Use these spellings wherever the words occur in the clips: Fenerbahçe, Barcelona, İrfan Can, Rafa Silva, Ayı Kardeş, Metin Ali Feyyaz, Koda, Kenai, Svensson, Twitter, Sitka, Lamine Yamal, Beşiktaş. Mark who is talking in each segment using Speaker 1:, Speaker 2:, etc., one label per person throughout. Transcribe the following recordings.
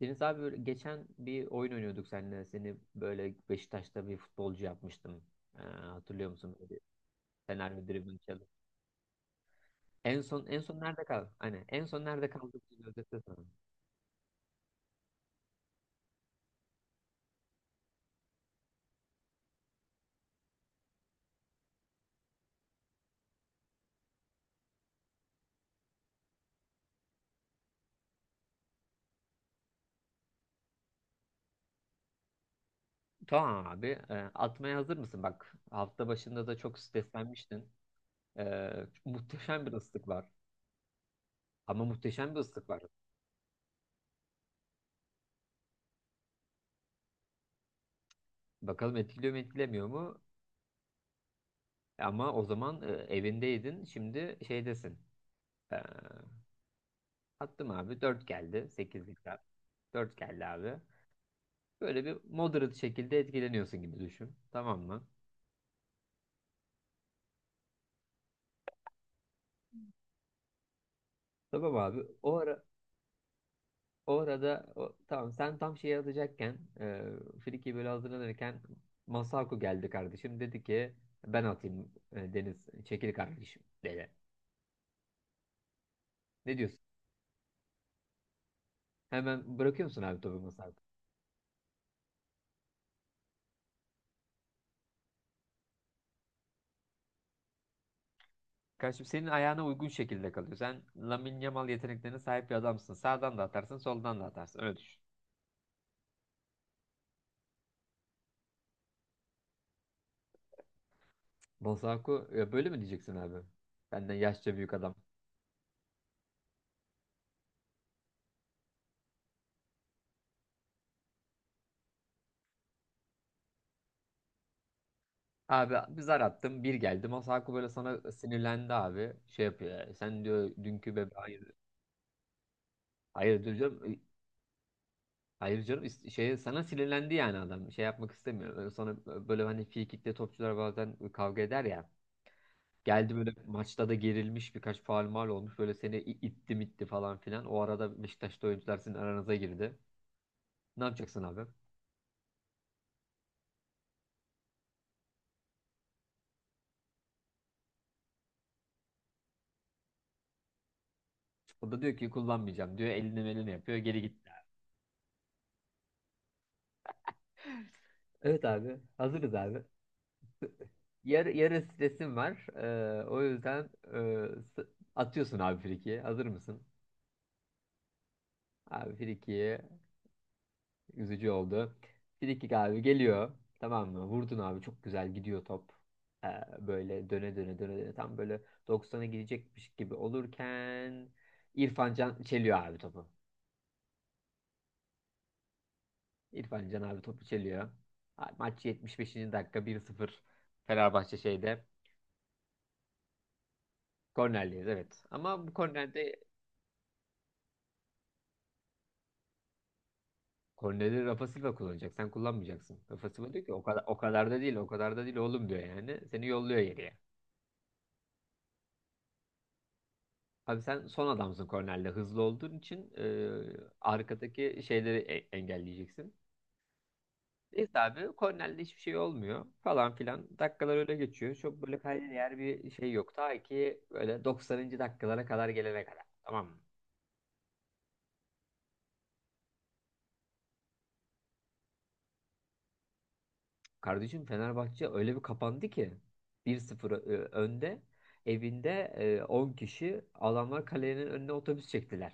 Speaker 1: Deniz abi böyle geçen bir oyun oynuyorduk seninle. Seni böyle Beşiktaş'ta bir futbolcu yapmıştım. Hatırlıyor musun? Böyle bir senaryo, dribbling challenge. En son, en son nerede kaldı? Hani en son nerede kaldık? Özetle sana. Tamam abi. Atmaya hazır mısın? Bak hafta başında da çok streslenmiştin. Muhteşem bir ıslık var. Ama muhteşem bir ıslık var. Bakalım etkiliyor mu etkilemiyor mu? Ama o zaman evindeydin. Şimdi şeydesin. Ee, Attım abi. Dört geldi. 8'lik abi. Dört geldi abi. Böyle bir moderate şekilde etkileniyorsun gibi düşün. Tamam mı? Tamam abi. O arada tamam, sen tam şeyi atacakken, Friki böyle hazırlanırken Masako geldi kardeşim. Dedi ki ben atayım Deniz. Çekil kardeşim dedi. Ne diyorsun? Hemen bırakıyor musun abi topu Masako? Kardeşim senin ayağına uygun şekilde kalıyor. Sen Lamine Yamal yeteneklerine sahip bir adamsın. Sağdan da atarsın, soldan da atarsın. Öyle düşün. Masako ya böyle mi diyeceksin abi? Benden yaşça büyük adam. Abi bir zar attım, bir geldi. Masako böyle sana sinirlendi abi. Şey yapıyor yani, sen diyor dünkü bebe, hayır. Hayır diyor canım. Hayır canım, şey sana sinirlendi yani adam. Şey yapmak istemiyor. Böyle sana, böyle hani frikikte topçular bazen kavga eder ya. Geldi böyle, maçta da gerilmiş, birkaç faul mal olmuş. Böyle seni itti mitti falan filan. O arada Beşiktaş'ta oyuncular sizin aranıza girdi. Ne yapacaksın abi? O da diyor ki kullanmayacağım diyor. Elini melini yapıyor. Geri gitti. Evet abi. Hazırız abi. Yarı stresim var. O yüzden s- atıyorsun abi frikiyi. Hazır mısın? Abi frikiyi, üzücü oldu. Frikik abi geliyor. Tamam mı? Vurdun abi. Çok güzel gidiyor top. Ee, Böyle döne döne döne döne. Tam böyle 90'a gidecekmiş gibi olurken İrfan Can çeliyor abi topu. İrfan Can abi topu çeliyor. Ha, maç 75. dakika, 1-0 Fenerbahçe şeyde. Kornerliyiz evet. Ama bu kornerde, kornerleri Rafa Silva kullanacak. Sen kullanmayacaksın. Rafa Silva diyor ki o kadar, o kadar da değil, o kadar da değil oğlum diyor yani. Seni yolluyor geriye. Abi sen son adamsın kornerde. Hızlı olduğun için arkadaki şeyleri engelleyeceksin. Neyse abi kornerde hiçbir şey olmuyor falan filan. Dakikalar öyle geçiyor. Çok böyle kayda değer bir şey yok. Ta ki böyle 90. dakikalara kadar gelene kadar. Tamam mı? Kardeşim Fenerbahçe öyle bir kapandı ki, 1-0 önde, evinde, 10 kişi, adamlar kalenin önüne otobüs çektiler.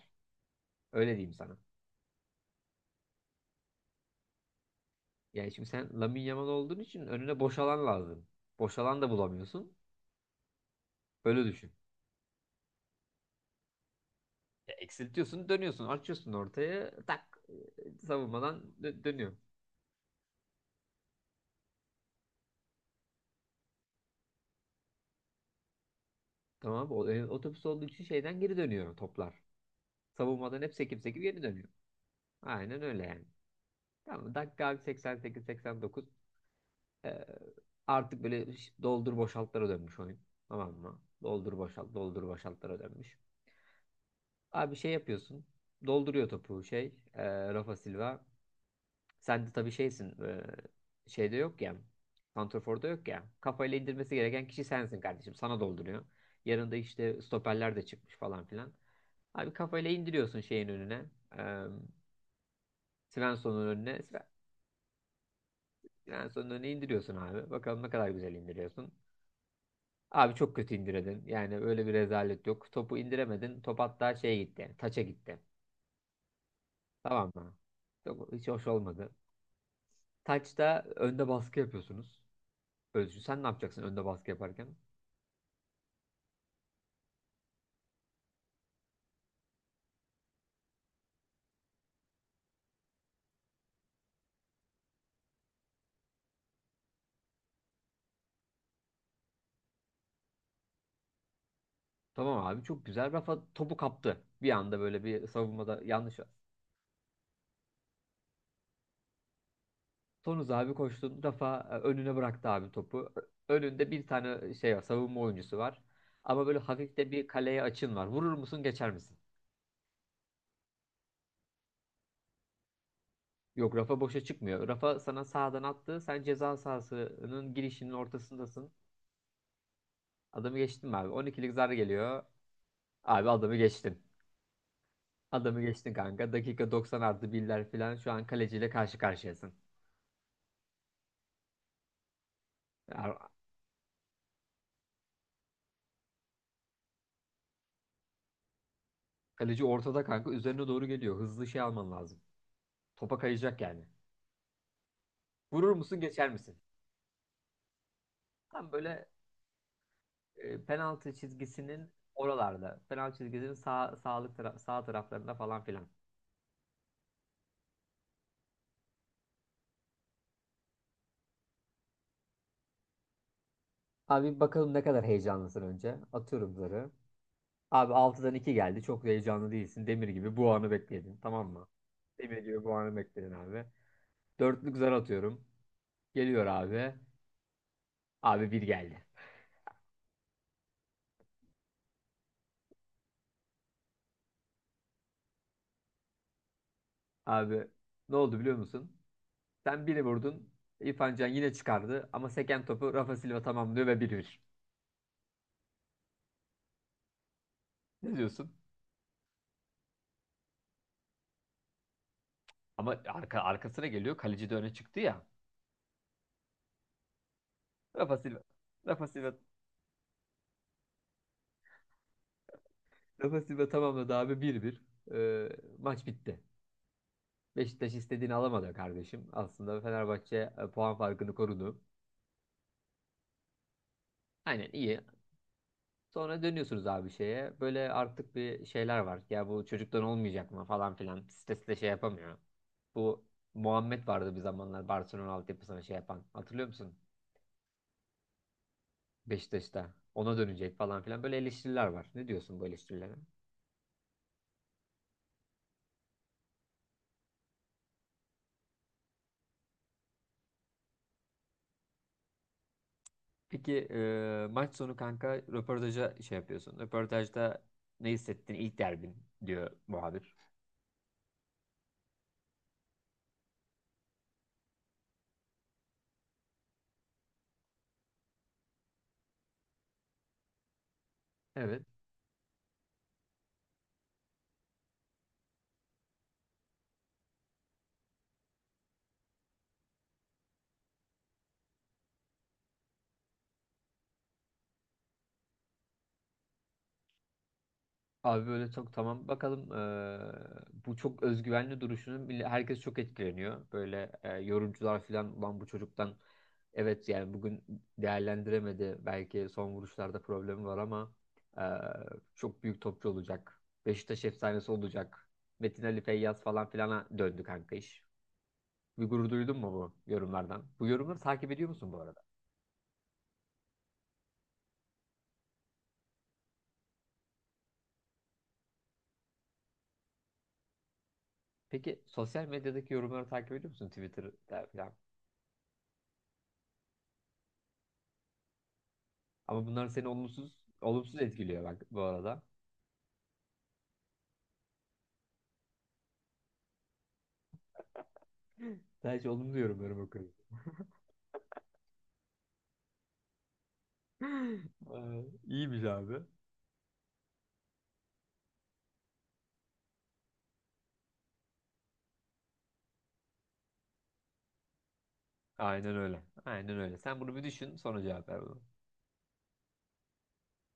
Speaker 1: Öyle diyeyim sana. Yani şimdi sen Lamine Yamal olduğun için önüne boş alan lazım. Boş alan da bulamıyorsun. Öyle düşün. Ya eksiltiyorsun, dönüyorsun, açıyorsun ortaya, tak, savunmadan dönüyor. Tamam, otobüs olduğu için şeyden geri dönüyor toplar. Savunmadan hep sekip sekip geri dönüyor. Aynen öyle yani. Tamam, dakika 88-89. Ee, Artık böyle doldur boşaltlara dönmüş oyun. Tamam mı? Doldur boşalt, doldur boşaltlara dönmüş. Abi şey yapıyorsun. Dolduruyor topu şey. Rafa Silva. Sen de tabii şeysin. Şeyde yok ya. Santrafor'da yok ya. Kafayla indirmesi gereken kişi sensin kardeşim. Sana dolduruyor. Yanında işte stoperler de çıkmış falan filan. Abi kafayla indiriyorsun şeyin önüne. E, Svensson'un önüne. Svensson'un önüne indiriyorsun abi. Bakalım ne kadar güzel indiriyorsun. Abi çok kötü indirdin. Yani öyle bir rezalet yok. Topu indiremedin. Top hatta şeye gitti. Yani, taça gitti. Tamam mı? Çok, hiç hoş olmadı. Taçta önde baskı yapıyorsunuz. Özgür sen ne yapacaksın önde baskı yaparken? Tamam abi çok güzel. Rafa topu kaptı. Bir anda böyle bir savunmada yanlış. Tonuz abi koştun. Rafa önüne bıraktı abi topu. Önünde bir tane şey var. Savunma oyuncusu var. Ama böyle hafif de bir kaleye açın var. Vurur musun, geçer misin? Yok, Rafa boşa çıkmıyor. Rafa sana sağdan attı. Sen ceza sahasının girişinin ortasındasın. Adamı geçtin mi abi? 12'lik zar geliyor. Abi adamı geçtin. Adamı geçtin kanka. Dakika 90 artı birler falan. Şu an kaleciyle karşı karşıyasın. Ya, kaleci ortada kanka. Üzerine doğru geliyor. Hızlı şey alman lazım. Topa kayacak yani. Vurur musun, geçer misin? Tam böyle penaltı çizgisinin oralarda. Penaltı çizgisinin sağ taraflarında falan filan. Abi bakalım ne kadar heyecanlısın önce. Atıyorum zarı. Abi altıdan 2 geldi. Çok da heyecanlı değilsin. Demir gibi bu anı bekledin. Tamam mı? Demir gibi bu anı bekledin abi. Dörtlük zar atıyorum. Geliyor abi. Abi bir geldi. Abi ne oldu biliyor musun? Sen biri vurdun. İrfan Can yine çıkardı. Ama seken topu Rafa Silva tamamlıyor ve bir bir. Ne diyorsun? Ama arkasına geliyor. Kaleci de öne çıktı ya. Rafa Silva. Rafa Silva. Rafa Silva tamamladı abi, bir bir. Ee, Maç bitti. Beşiktaş istediğini alamadı kardeşim. Aslında Fenerbahçe puan farkını korudu. Aynen, iyi. Sonra dönüyorsunuz abi şeye. Böyle artık bir şeyler var. Ya bu çocuktan olmayacak mı falan filan. Sitesi de şey yapamıyor. Bu Muhammed vardı bir zamanlar, Barcelona altyapısına şey yapan. Hatırlıyor musun? Beşiktaş'ta. Ona dönecek falan filan. Böyle eleştiriler var. Ne diyorsun bu eleştirilere? Peki maç sonu kanka röportaja şey yapıyorsun. Röportajda ne hissettin ilk derbin diyor muhabir. Evet. Abi böyle çok tamam. Bakalım, bu çok özgüvenli duruşunun bile herkes çok etkileniyor. Böyle yorumcular falan, ulan bu çocuktan, evet yani bugün değerlendiremedi. Belki son vuruşlarda problemi var ama eee, çok büyük topçu olacak. Beşiktaş efsanesi olacak. Metin Ali Feyyaz falan filana döndü kanka iş. Bir gurur duydun mu bu yorumlardan? Bu yorumları takip ediyor musun bu arada? Peki sosyal medyadaki yorumları takip ediyor musun? Twitter'da falan. Ama bunlar seni olumsuz etkiliyor bak bu arada. Ben hiç olumlu yorumlarım okuyorum. İyiymiş abi. Aynen öyle. Aynen öyle. Sen bunu bir düşün, sonra cevap ver bana.